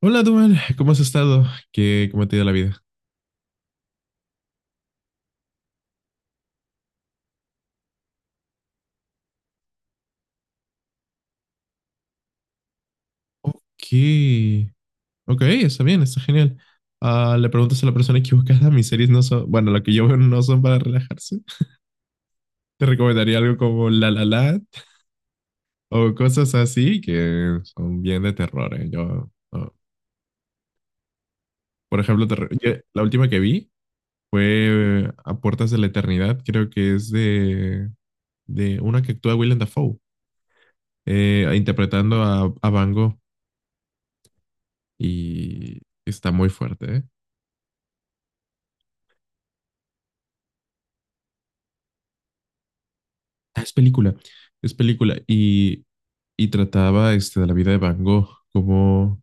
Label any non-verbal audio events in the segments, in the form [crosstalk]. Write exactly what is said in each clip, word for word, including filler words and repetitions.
Hola, Duan, ¿cómo has estado? ¿Qué, cómo te ha ido la vida? Ok, ok, está bien, está genial. Ah, le preguntas a la persona equivocada, mis series no son, bueno, lo que yo veo no son para relajarse. Te recomendaría algo como La La Land o cosas así que son bien de terror, ¿eh? Yo, no. Por ejemplo, te re- yo- la última que vi fue eh, A Puertas de la Eternidad, creo que es de, de una que actúa Willem Dafoe, eh, interpretando a, a Van Gogh y está muy fuerte, ¿eh? Ah, es película, es película. Y, y trataba este, de la vida de Van Gogh como,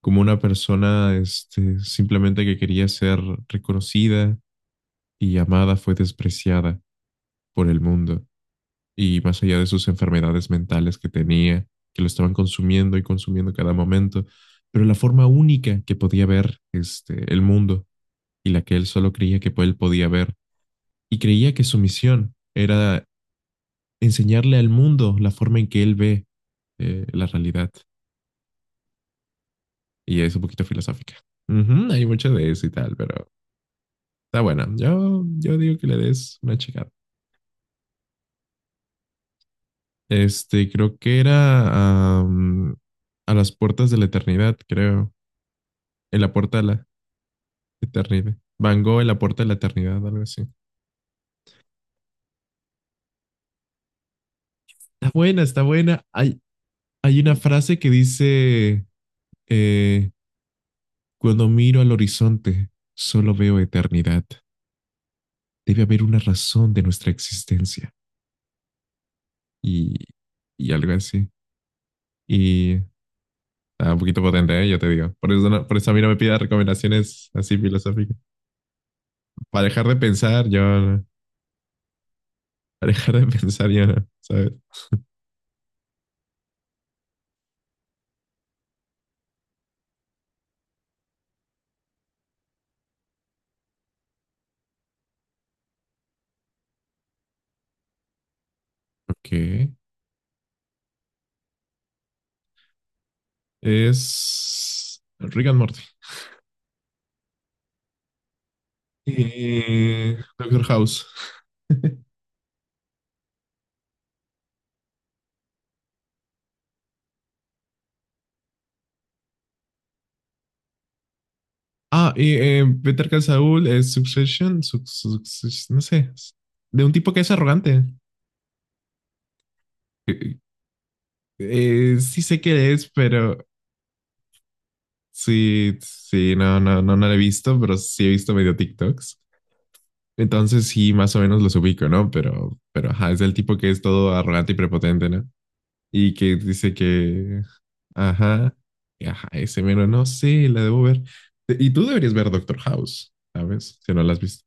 como una persona este, simplemente que quería ser reconocida y amada, fue despreciada por el mundo. Y más allá de sus enfermedades mentales que tenía, que lo estaban consumiendo y consumiendo cada momento, pero la forma única que podía ver este, el mundo y la que él solo creía que él podía ver. Y creía que su misión era enseñarle al mundo la forma en que él ve eh, la realidad. Y es un poquito filosófica. Ujú, hay mucho de eso y tal, pero está buena. Yo, yo digo que le des una checada. Este, creo que era am, a las puertas de la eternidad, creo. En la puerta de la eternidad. Van Gogh en la puerta de la eternidad, algo así. Está buena, está buena. Hay, hay una frase que dice, eh, cuando miro al horizonte, solo veo eternidad. Debe haber una razón de nuestra existencia. Y, y algo así. Y está un poquito potente, ¿eh? Yo te digo. Por eso, no- por eso a mí no me pidas recomendaciones así filosóficas. Para dejar de pensar, yo no. Para dejar de [laughs] pensar, yo no, ¿sabes? Ok. Es Rick and Morty. Eh, Doctor House. [laughs] Ah, y eh, Better Call Saul es Succession, Suc- Suc- no sé, de un tipo que es arrogante. Eh, eh, sí sé que es, pero sí, sí, no, no, no, no lo he visto, pero sí he visto medio TikToks. Entonces sí, más o menos los ubico, ¿no? Pero, pero ajá, es el tipo que es todo arrogante y prepotente, ¿no? Y que dice que, ajá, y ajá, ese mero, no sé, la debo ver. Te- Y tú deberías ver Doctor House, ¿sabes? Si no la has visto.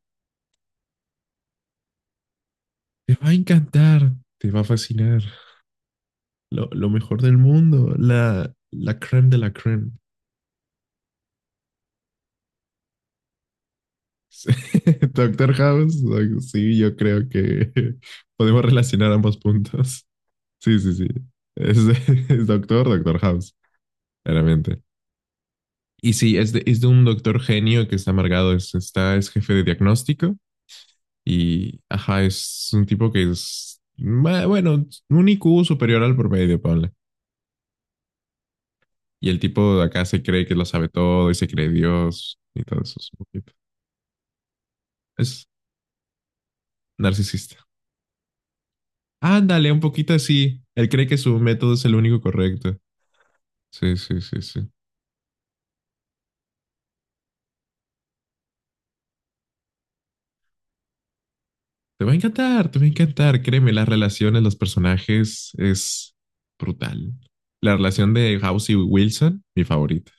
Te va a encantar, te va a fascinar. Lo, lo mejor del mundo, la, la creme de la creme. Sí, [laughs] Doctor House, doc- sí, yo creo que [laughs] podemos relacionar ambos puntos. Sí, sí, sí. Es, [laughs] es Doctor, Doctor House, claramente. Y sí, es de, es de un doctor genio que está amargado, es, está, es jefe de diagnóstico y, ajá, es un tipo que es, ma- bueno, un I Q superior al promedio, ponle. Y el tipo de acá se cree que lo sabe todo y se cree Dios y todo eso. Es, un poquito- es narcisista. Ándale, un poquito así. Él cree que su método es el único correcto. Sí, sí, sí, sí. Te va a encantar, te va a encantar. Créeme, las relaciones, los personajes es brutal. La relación de House y Wilson, mi favorita.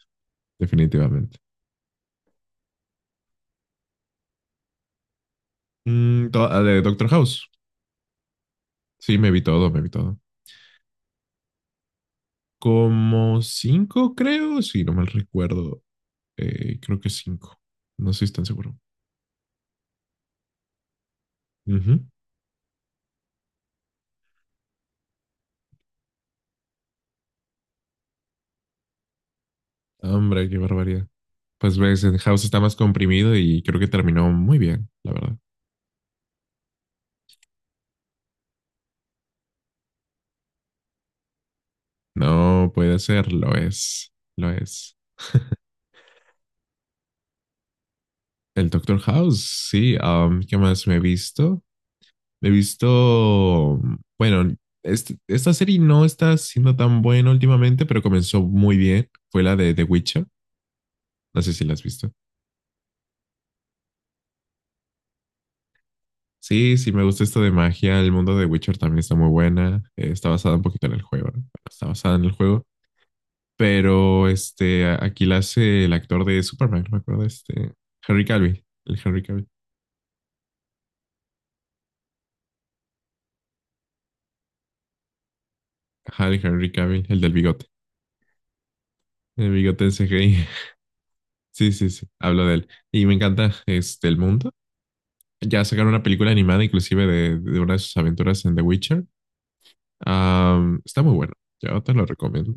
Definitivamente. Mm, to- ah, de Doctor House. Sí, me vi todo, me vi todo. Como cinco, creo, si no mal recuerdo. Eh, creo que cinco. No estoy tan seguro. Ujú. Hombre, qué barbaridad. Pues ves, el House está más comprimido y creo que terminó muy bien, la verdad. No puede ser, lo es, lo es. El Doctor House, sí. Am, ¿qué más me he visto? He visto, bueno, este- esta serie no está siendo tan buena últimamente, pero comenzó muy bien. Fue la de The Witcher. No sé si la has visto. Sí, sí, me gusta esto de magia. El mundo de Witcher también está muy buena. Eh, está basada un poquito en el juego, ¿no? Bueno, está basada en el juego. Pero este, a- aquí la hace el actor de Superman, no me acuerdo, este, Henry Cavill. El Henry Cavill. Ajá, el Henry Cavill, el del bigote. El bigote en C G I. [laughs] Sí, sí, sí. Hablo de él. Y me encanta este el mundo. Ya sacaron una película animada inclusive de, de una de sus aventuras en The Witcher. Am, está muy bueno. Yo te lo recomiendo.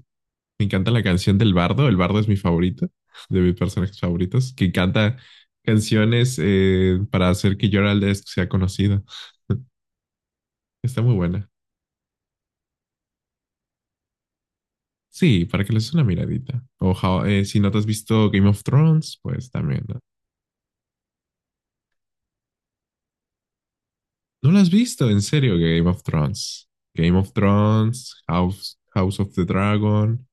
Me encanta la canción del Bardo. El Bardo es mi favorito, de mis personajes favoritos, que canta canciones eh, para hacer que Gerald de Riv sea conocido. [laughs] Está muy buena. Sí, para que le des una miradita. O How- eh, si no te has visto Game of Thrones, pues también. ¿No, ¿No lo has visto? En serio, Game of Thrones. Game of Thrones, House, House of the Dragon.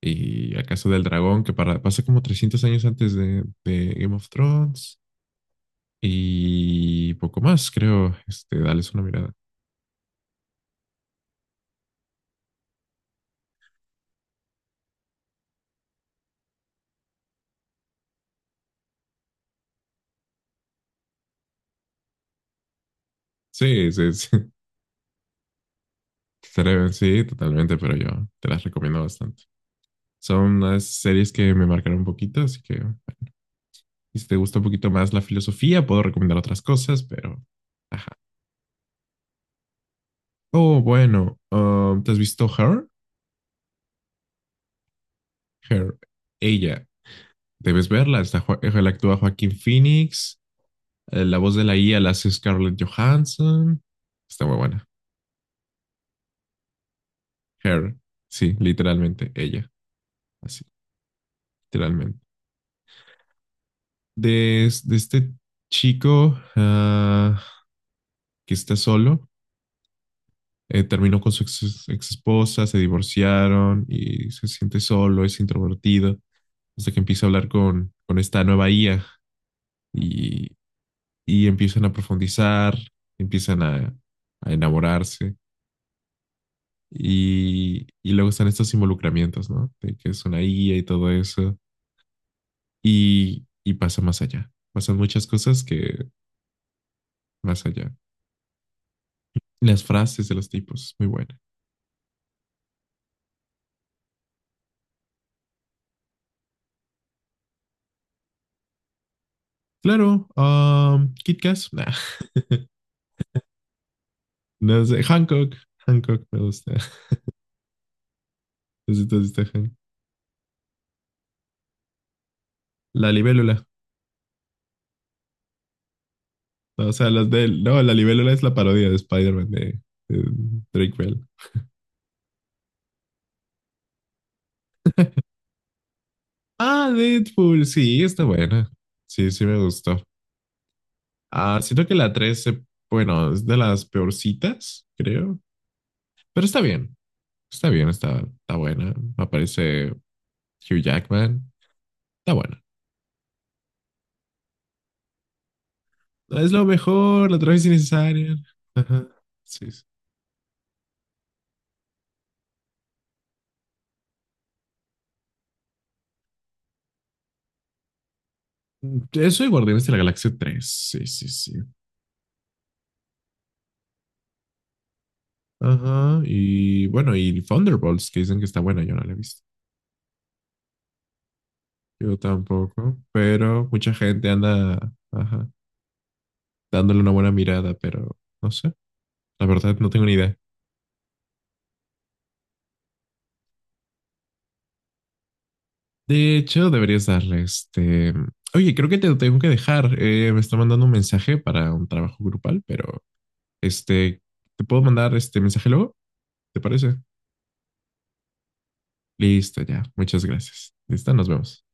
Y A Casa del Dragón, que para- pasa como trescientos años antes de, de Game of Thrones, y poco más, creo. Este, dales una mirada. Sí, sí, sí, [laughs] Estaría- sí, totalmente, pero yo te las recomiendo bastante. Son unas series que me marcaron un poquito, así que si te gusta un poquito más la filosofía, puedo recomendar otras cosas, pero... Ajá. Oh, bueno, um, ¿te has visto Her? Her, ella, debes verla. Está, Jo- él actúa Joaquín Phoenix. Eh, La voz de la I A la hace Scarlett Johansson. Está muy buena. Her, sí, literalmente, ella, así, literalmente. De, es- de este chico ah, que está solo, eh, terminó con su ex, ex esposa, se divorciaron y se siente solo, es introvertido, hasta que empieza a hablar con, con esta nueva I A y, y empiezan a profundizar, empiezan a, a enamorarse. Y, y luego están estos involucramientos, ¿no? De que es una guía y todo eso. Y, y pasa más allá. Pasan muchas cosas que más allá. Las frases de los tipos, muy buena. Claro, um, Kit Kat, nah. [laughs] No sé, Hancock, Hancock me gusta. [laughs] Necesito este Han- la libélula, no, o sea, las de él. No, la libélula es la parodia de Spider-Man de, de Drake Bell. Ah, Deadpool, sí, está buena. Sí, sí me gustó. Ah, siento que la tres se- bueno, es de las peorcitas, creo. Pero está bien, está bien, está, está buena. Aparece Hugh Jackman, está buena. Es lo mejor, la otra vez innecesaria. Ajá, sí, sí. Eso y Guardianes de la Galaxia tres sí, sí, sí. Ajá, y bueno, y Thunderbolts, que dicen que está buena, yo no la he visto. Yo tampoco, pero mucha gente anda, ajá, dándole una buena mirada, pero no sé, la verdad no tengo ni idea. De hecho, deberías darle este. Oye, creo que te tengo que dejar. Eh, me está mandando un mensaje para un trabajo grupal, pero este, te puedo mandar este mensaje luego, ¿te parece? Listo, ya. Muchas gracias. Listo, nos vemos.